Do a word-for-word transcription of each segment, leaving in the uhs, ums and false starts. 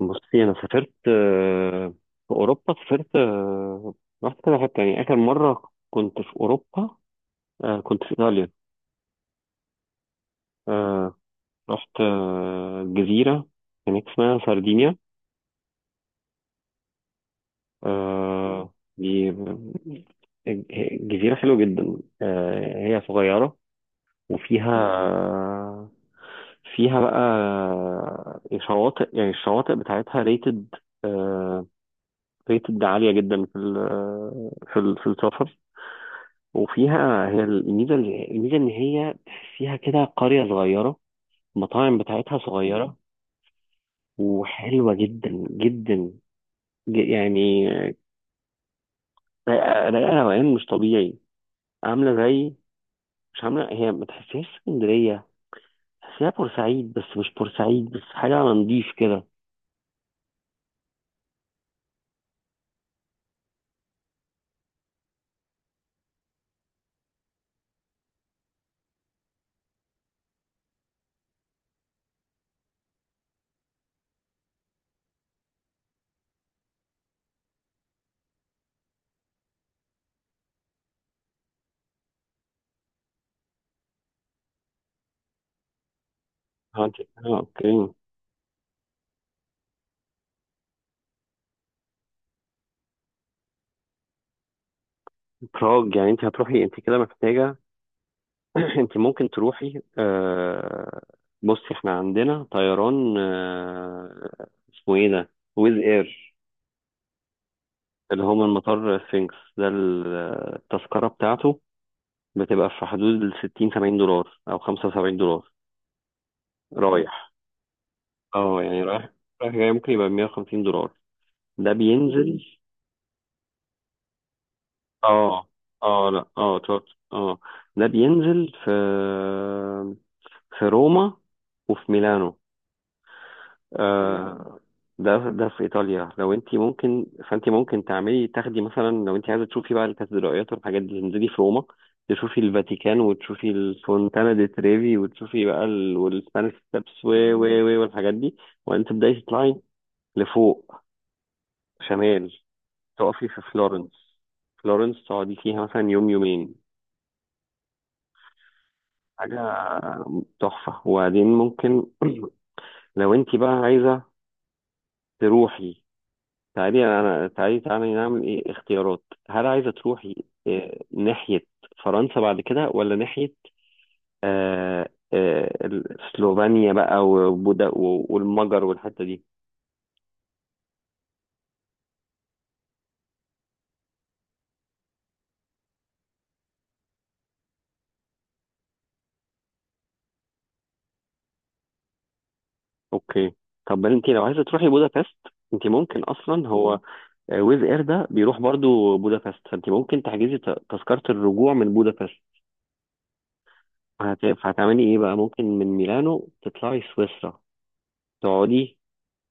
بصي، انا سافرت آه، في اوروبا سافرت آه، رحت كذا حته. يعني اخر مره كنت في اوروبا آه، كنت في ايطاليا. آه، رحت آه، جزيره هناك اسمها ساردينيا. آه، دي آه، جزيره حلوه جدا. آه، هي صغيره وفيها فيها بقى آه، شواطئ. يعني الشواطئ بتاعتها ريتد، ريتد عالية جدا في ال آه، في ال في السفر. وفيها، هي الميزه، الميزه ان هي فيها كده قريه صغيره، المطاعم بتاعتها صغيره وحلوه جدا جدا. ج- يعني رايقه رايقة روقان مش طبيعي. عامله زي، مش عامله، هي ما تحسهاش اسكندريه، تحسيها بورسعيد، بس مش بورسعيد، بس حاجه على نضيف كده. اه انت. آه، اوكي. براج، يعني انت هتروحي انت كده محتاجه. انت ممكن تروحي. آه بصي، احنا عندنا طيران، آه اسمه ايه ده، ويز اير. اللي هو من مطار سفنكس ده، ال- التذكرة بتاعته بتبقى في حدود ال ستين سبعين دولار أو خمسة وسبعين دولارا رايح. اه يعني رايح رايح جاي ممكن يبقى مية وخمسين دولار. ده بينزل. اه. اه لا اه تشارت. اه. ده بينزل في في روما وفي ميلانو. آه، ده ده في ايطاليا. لو انت ممكن، فانت ممكن تعملي تاخدي مثلا، لو انت عايزه تشوفي بقى الكاتدرائيات والحاجات دي، تنزلي في روما، تشوفي الفاتيكان، وتشوفي الفونتانا دي تريفي، وتشوفي بقى ال... والسبانيش ستابس و و و والحاجات دي. وانت تبداي تطلعي لفوق، شمال. تقفي في فلورنس. فلورنس تقعدي فيها مثلا يوم يومين، حاجه تحفه. وبعدين ممكن لو انت بقى عايزه تروحي، تعالي انا تعالي تعالي نعمل ايه اختيارات. هل عايزه تروحي آه، ناحيه فرنسا بعد كده، ولا ناحيه آه، آه، ال- سلوفينيا بقى، وبودا و- والمجر والحته دي. اوكي. طب بل انت لو عايزه تروحي بودابست، انت ممكن اصلا، هو آه، ويز اير ده بيروح برضو بودابست، فانت ممكن تحجزي ت- تذكره الرجوع من بودابست. فهت- فهتعملي ايه بقى، ممكن من ميلانو تطلعي سويسرا، تقعدي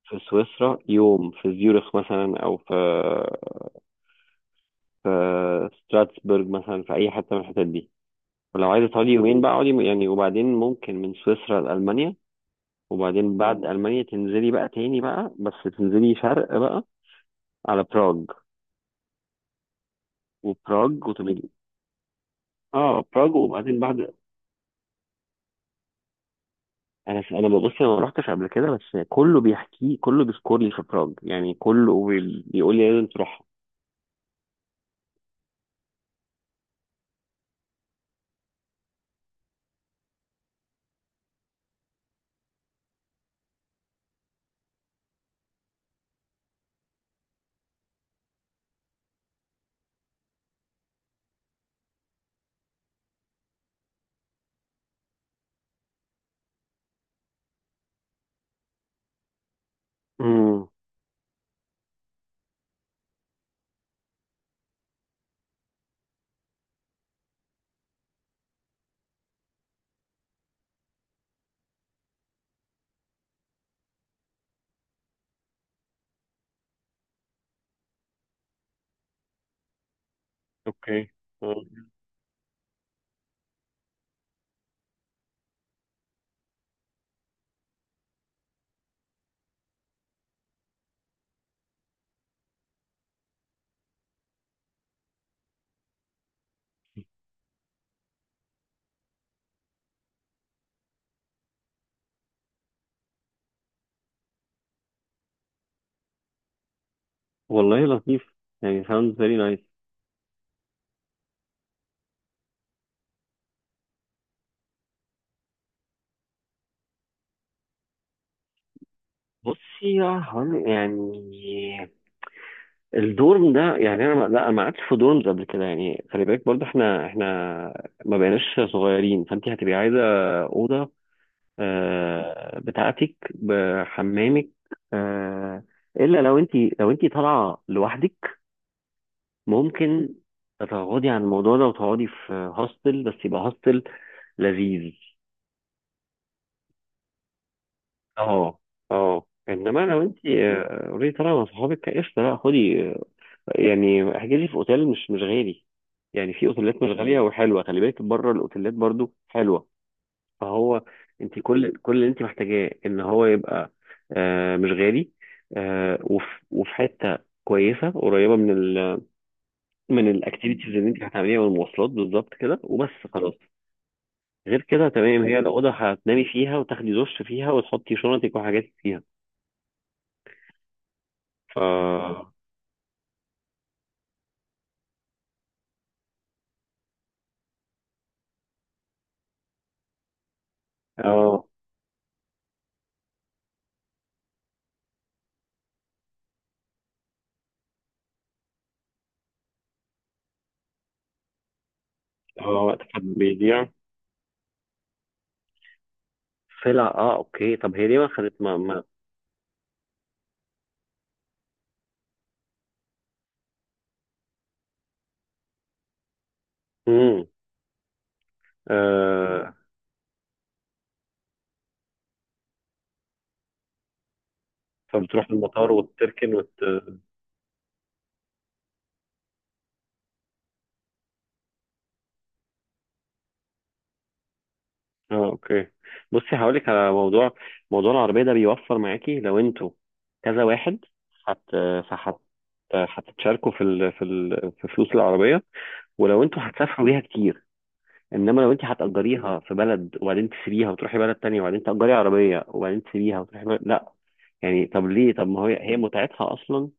في سويسرا يوم، في زيورخ مثلا، او في في ستراتسبرج مثلا، في اي حته من الحتت دي. ولو عايزه تقعدي يومين بقى اقعدي يعني. وبعدين ممكن من سويسرا لالمانيا. وبعدين بعد المانيا تنزلي بقى تاني بقى، بس تنزلي شرق بقى، على براغ. وبراغ وتبقي، اه، براغ. وبعدين بعد، انا انا ببص، انا ما رحتش قبل كده، بس كله بيحكي، كله بيذكر لي في براغ. يعني كله بي- بيقول لي لازم تروحها. امم. اوكي. مم. والله لطيف. يعني sounds very nice. بصي يا هون، يعني الدورم ده يعني انا ما- لا ما قعدتش في دورمز قبل كده. يعني خلي بالك برضه، احنا احنا ما بقيناش صغيرين، فانت هتبقي عايزه اوضه آه، بتاعتك بحمامك. آه، الا لو انت لو انت طالعه لوحدك، ممكن تتغاضي عن الموضوع ده وتقعدي في هوستل، بس يبقى هوستل لذيذ. اه اه انما لو انت اوريدي طالعه مع صحابك، قشطه، لا، خدي يعني، احجز لي في اوتيل مش مش غالي. يعني في اوتيلات مش غاليه وحلوه. خلي بالك بره الاوتيلات برضو حلوه. فهو انت كل كل اللي انت محتاجاه ان هو يبقى آه مش غالي، آه وف- وفي حته كويسه قريبه من ال من الاكتيفيتيز اللي انت هتعمليها، والمواصلات بالظبط كده. وبس خلاص، غير كده تمام. هي الاوضه هتنامي فيها وتاخدي دش فيها وتحطي شنطك وحاجاتك فيها. ف اه اه، وقتك بيضيع. سلع، اه، اوكي. طب هي ليه ما خدت ما, ما امم آه. فبتروح المطار وتركن وت... اه اوكي. بصي هقولك على موضوع، موضوع العربية ده بيوفر معاكي لو انتوا كذا واحد، هت فهت هتتشاركوا في ال... في ال... في فلوس العربية، ولو انتوا هتسافروا بيها كتير. انما لو انت هتأجريها في بلد وبعدين تسيبيها وتروحي بلد تانية، وبعدين تأجري عربية وبعدين تسيبيها وتروحي بلد... لا. يعني طب ليه، طب ما هي هي متعتها اصلا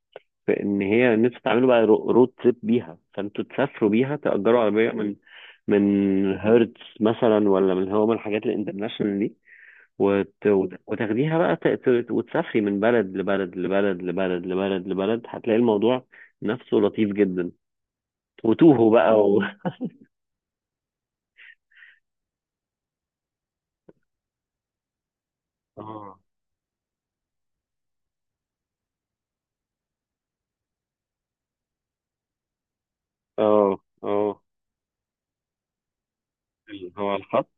في ان هي، نفسي تعملوا بقى رو- رود تريب بيها، فانتوا تسافروا بيها، تأجروا عربية من من هيرتز مثلا، ولا من، هو من الحاجات الانترناشونال دي. وت... وت- وتاخديها بقى ت... ت- وتسافري من بلد لبلد لبلد لبلد لبلد لبلد، هتلاقي الموضوع نفسه لطيف جدا. وتوهوا بقى و... اه اه اه، اللي هو الخط.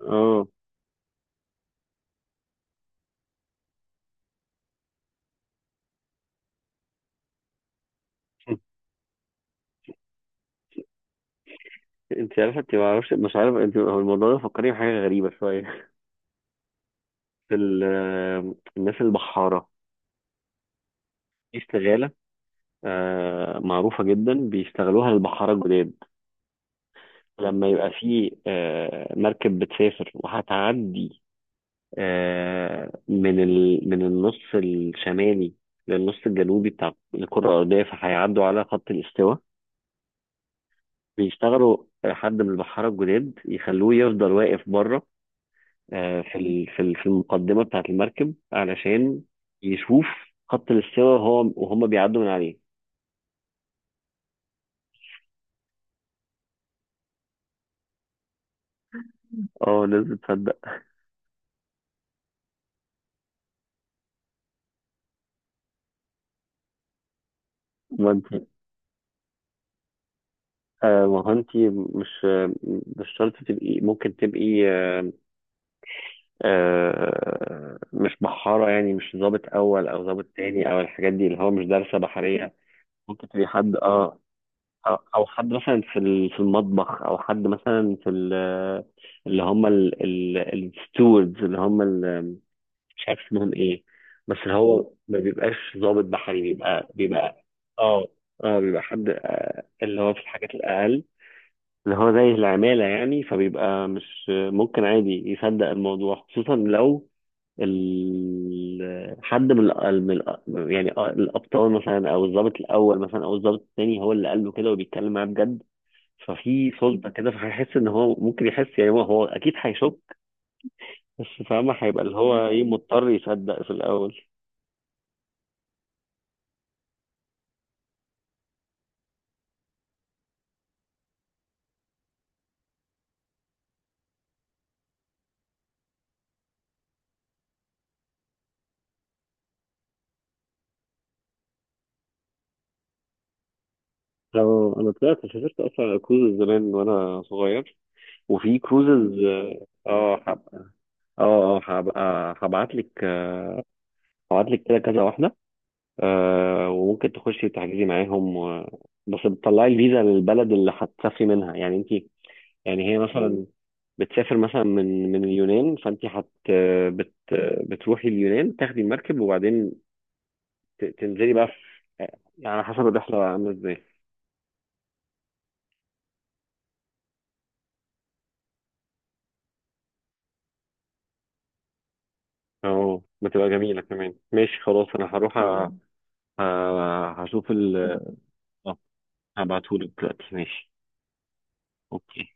اه انت عارفه، انت ما اعرفش، مش عارف انت، هو الموضوع ده فكرني بحاجه غريبه شويه. في ال- الناس البحاره، في استغاله آه، معروفة جدا بيستغلوها البحارة الجداد. لما يبقى في آه، مركب بتسافر وهتعدي آه، من ال... من النص الشمالي للنص الجنوبي بتاع الكرة الأرضية، فهيعدوا على خط الاستواء. بيشتغلوا آه، حد من البحارة الجداد، يخلوه يفضل واقف بره آه، في ال... في ال- في المقدمة بتاعة المركب، علشان يشوف خط الاستواء وهو، وهم بيعدوا من عليه. اه، الناس بتصدق. ما انت، آه، ما هو انت مش مش شرط تبقي، ممكن تبقي آه، آه، مش بحارة. يعني مش ضابط أول أو ضابط تاني أو الحاجات دي، اللي هو مش دارسة بحرية. ممكن تبقي حد، اه، أو أو حد مثلا في ال- في المطبخ، أو حد مثلا في ال- اللي هم الستوردز، اللي هم ال-، مش عارف اسمهم إيه. بس هو ما بيبقاش ضابط بحري، بيبقى بيبقى اه اه بيبقى حد آه، اللي هو في الحاجات الأقل، اللي هو زي العمالة يعني. فبيبقى مش ممكن عادي يصدق الموضوع، خصوصا لو ال... حد من, ال... من ال... يعني الأبطال مثلا، أو الضابط الأول مثلا، أو الضابط الثاني، هو اللي قال له كده وبيتكلم معاه بجد. ففي صدمة كده، فهيحس إن هو ممكن يحس، يعني هو, هو أكيد هيشك. بس فاهمة، هيبقى اللي هو إيه، مضطر يصدق في الأول. لو أنا طلعت، سافرت أصلا على كروز زمان وأنا صغير، وفي كروزز. اه هب- اه اه هبقى هبعت لك، هبعت لك كده كذا واحدة. آه، وممكن تخشي تحجزي معاهم و... بس بتطلعي الفيزا للبلد اللي هتسافري منها يعني انت. يعني هي، مم. مثلا بتسافر مثلا من من اليونان، فانت هت بت بتروحي اليونان، تاخدي المركب، وبعدين ت- تنزلي بقى في، يعني على حسب الرحلة عاملة ازاي. اه بتبقى جميلة كمان. ماشي خلاص، انا هروح أ- مم. أ- هشوف ال، اه، هبعتهولك دلوقتي. ماشي، اوكي.